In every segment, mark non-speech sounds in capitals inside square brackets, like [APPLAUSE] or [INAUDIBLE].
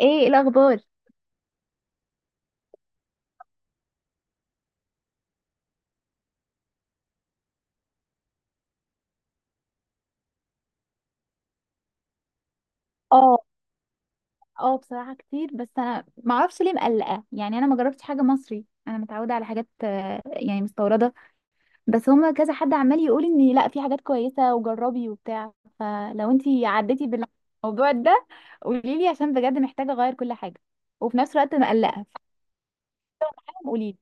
ايه الاخبار؟ اه اه بصراحة كتير، بس انا ما اعرفش ليه مقلقة. يعني انا ما جربتش حاجة مصري، انا متعودة على حاجات يعني مستوردة. بس هما كذا حد عمال يقول ان لا في حاجات كويسة وجربي وبتاع. فلو انتي عديتي بالموضوع ده قوليلي، عشان بجد محتاجة اغير كل حاجة، وفي نفس الوقت مقلقة. قوليلي.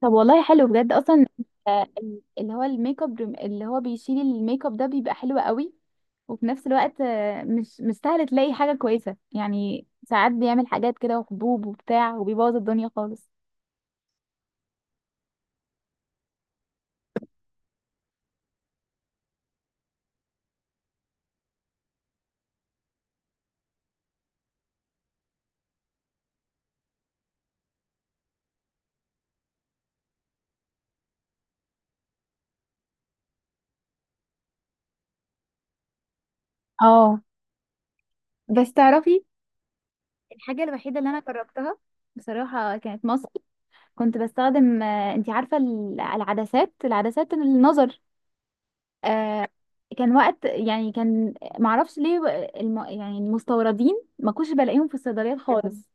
طب والله حلو بجد اصلا. اللي هو الميك اب اللي هو بيشيل الميك اب ده بيبقى حلو قوي. وفي نفس الوقت مش سهل تلاقي حاجة كويسة، يعني ساعات بيعمل حاجات كده وحبوب وبتاع وبيبوظ الدنيا خالص. اه، بس تعرفي الحاجة الوحيدة اللي أنا جربتها بصراحة كانت ماسك. كنت بستخدم، انتي عارفة العدسات، العدسات النظر، آه، كان وقت يعني كان معرفش ليه يعني المستوردين ما كنتش بلاقيهم في الصيدليات خالص.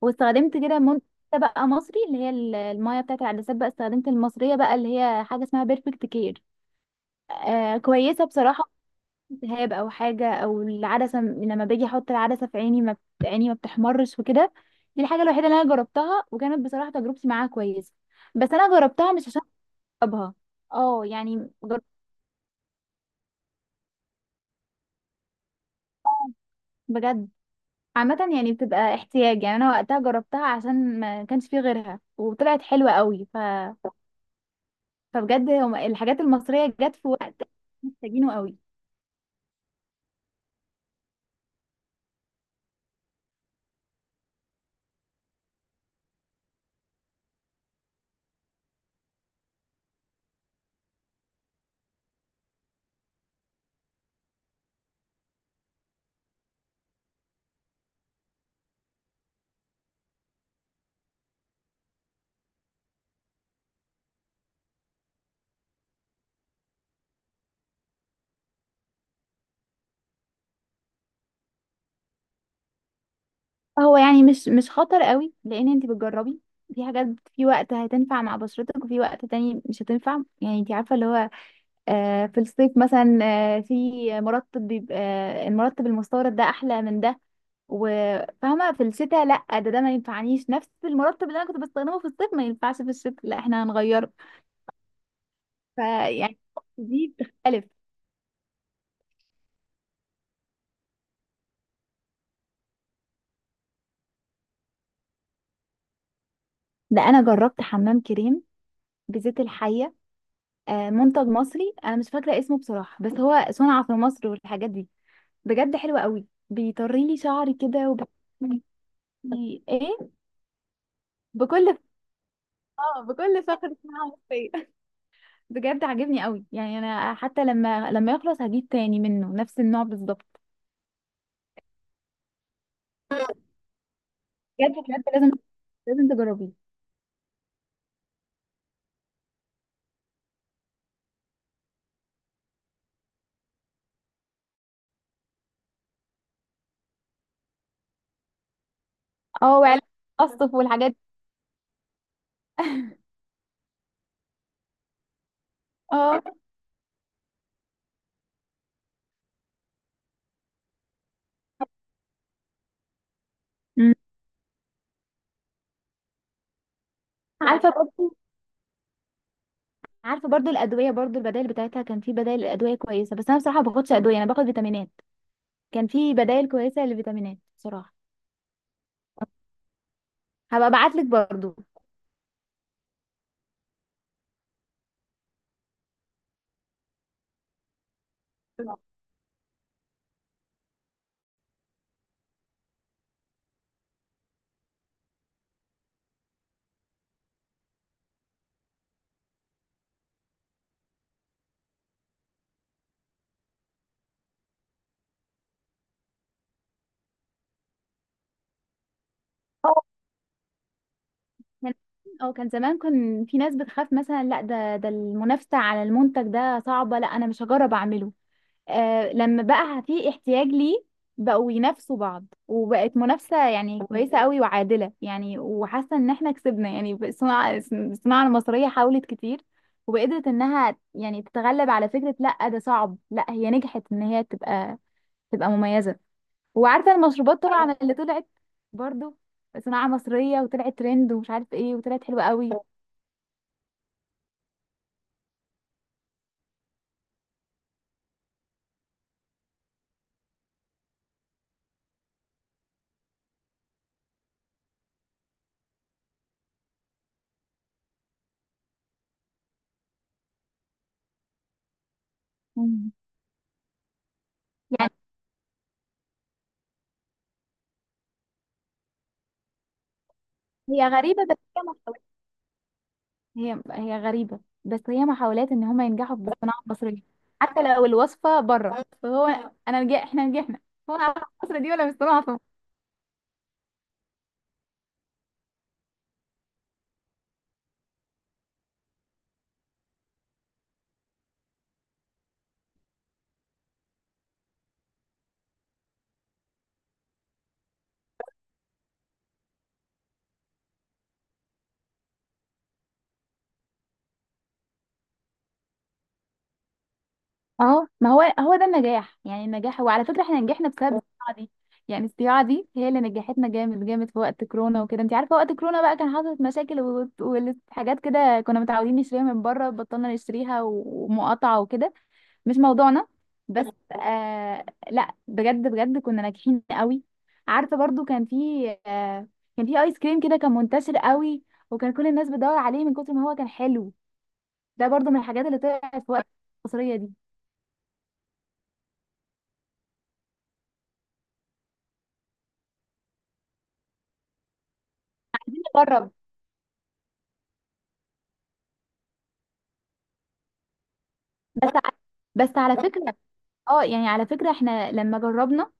واستخدمت كده منتج بقى مصري، اللي هي المايه بتاعت العدسات، بقى استخدمت المصريه بقى اللي هي حاجه اسمها بيرفكت كير. آه كويسه بصراحه، التهاب او حاجه او العدسه لما باجي احط العدسه في عيني ما عيني ما بتحمرش وكده. دي الحاجه الوحيده اللي انا جربتها وكانت بصراحه تجربتي معاها كويسه. بس انا جربتها مش عشان اجربها، اه يعني بجد، عامة يعني بتبقى احتياج. يعني انا وقتها جربتها عشان ما كانش فيه غيرها وطلعت حلوة قوي. فبجد هما الحاجات المصرية جت في وقت محتاجينه قوي. هو يعني مش خطر قوي، لان انت بتجربي في حاجات، في وقت هتنفع مع بشرتك وفي وقت تاني مش هتنفع. يعني انت عارفة اللي هو في الصيف مثلا في مرطب بيبقى، المرطب المستورد ده احلى من ده. وفاهمة في الشتاء لا، ده ما ينفعنيش، نفس المرطب اللي انا كنت بستخدمه في الصيف ما ينفعش في الشتاء، لا احنا هنغيره. فيعني دي بتختلف. ده انا جربت حمام كريم بزيت الحية، منتج مصري انا مش فاكره اسمه بصراحه، بس هو صنع في مصر والحاجات دي. بجد حلوه قوي، بيطري لي شعري كده وب... ايه، بكل، اه بكل فخر صناعه مصريه [LAUGHS] بجد عاجبني قوي، يعني انا حتى لما يخلص هجيب تاني منه نفس النوع بالظبط. بجد بجد لازم، لازم تجربيه. اه، وعلب القصف والحاجات دي. اه، أمم. عارفه برضو عارفه برضو الادويه، برضو البدائل بتاعتها، كان في بدائل الادويه كويسه. بس انا بصراحه ما باخدش ادويه، انا باخد فيتامينات. كان في بدائل كويسه للفيتامينات بصراحه. هبقى ابعتلك برضو. اه كان- اه كان زمان كان في ناس بتخاف مثلا، لا ده المنافسة على المنتج ده صعبة، لا انا مش هجرب اعمله. آه لما بقى في احتياج ليه بقوا ينافسوا بعض، وبقت منافسة يعني كويسة قوي وعادلة. يعني وحاسة ان احنا كسبنا، يعني الصناعة المصرية حاولت كتير، وقدرت انها يعني تتغلب على فكرة لا ده صعب، لا هي نجحت ان هي تبقى مميزة. وعارفه المشروبات طبعا اللي طلعت، برضو صناعه مصريه وطلعت ترند ومش عارف ايه، وطلعت حلوه قوي. مم. يعني هي غريبه بس هي محاولات هي غريبه بس هي محاولات ان هم ينجحوا بالصناعه المصريه. حتى لو الوصفه بره، فهو انا احنا نجحنا. هو على مصر دي، ولا مش صناعه؟ اهو، ما هو هو ده النجاح. يعني النجاح هو على فكره احنا نجحنا بسبب الصياعه دي، يعني الصياعه دي هي اللي نجحتنا جامد جامد في وقت كورونا وكده. انت عارفه وقت كورونا بقى كان حصلت مشاكل وحاجات كده، كنا متعودين نشتريها من بره، بطلنا نشتريها ومقاطعه وكده، مش موضوعنا. بس آه، لا بجد بجد كنا ناجحين قوي. عارفه برضو كان في آه، كان في ايس كريم كده كان منتشر قوي، وكان كل الناس بتدور عليه من كتر ما هو كان حلو. ده برضو من الحاجات اللي طلعت في وقت الحصريه دي. جرب. بس ع- بس على فكرة، اه يعني على فكرة احنا لما جربنا،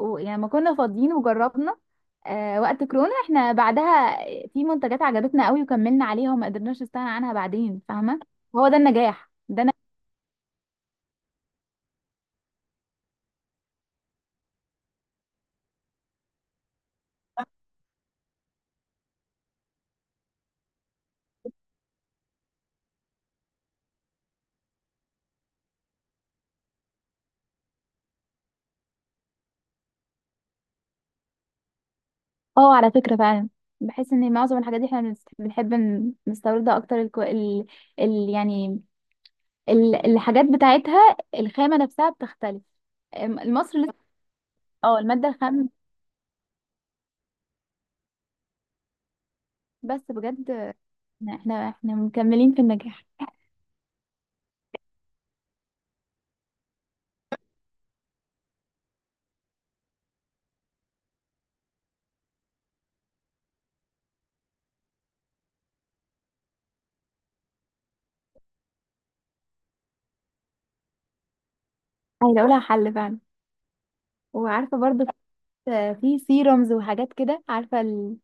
يعني لما كنا فاضيين وجربنا آه وقت كورونا، احنا بعدها في منتجات عجبتنا قوي وكملنا عليها وما قدرناش نستغنى عنها بعدين، فاهمة؟ هو ده النجاح ده أنا... اه على فكرة فعلا، بحس ان معظم الحاجات دي احنا نستوردها اكتر. الكو... ال... ال... يعني ال... الحاجات بتاعتها الخامة نفسها بتختلف. مصر لسه، اه المادة الخام. بس بجد احنا مكملين في النجاح. عايزه اقولها حل فعلا. وعارفه برضو كنت في سيرومز وحاجات كده، عارفه ال...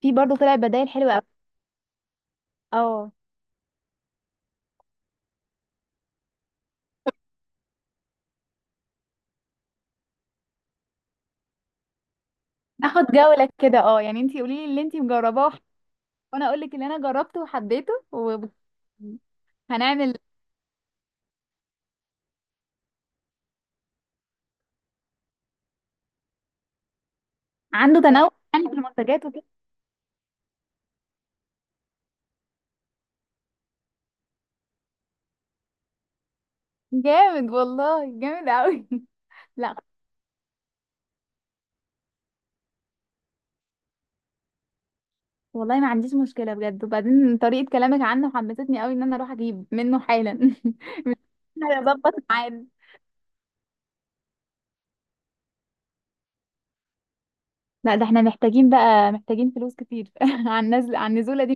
في برضو طلع بدائل حلوه قوي. اه، ناخد جوله كده. اه يعني انتي قولي لي اللي انتي مجرباه وانا اقول لك اللي انا جربته وحبيته، وهنعمل. عنده تنوع يعني في المنتجات وكده. جامد والله جامد قوي [LAUGHS] لا والله ما عنديش مشكله بجد، وبعدين طريقه كلامك عنه حمستني قوي ان انا اروح اجيب منه حالا [LAUGHS] هظبط ميعاد. لا ده احنا محتاجين بقى، محتاجين فلوس كتير [LAUGHS] عن النزوله دي.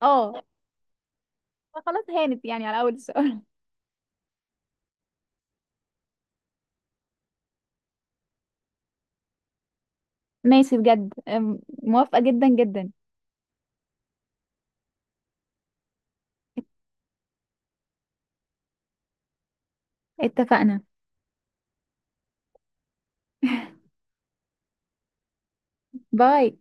اه، فخلاص هانت يعني على اول السؤال. ماشي بجد، موافقة جدا جدا. اتفقنا. باي.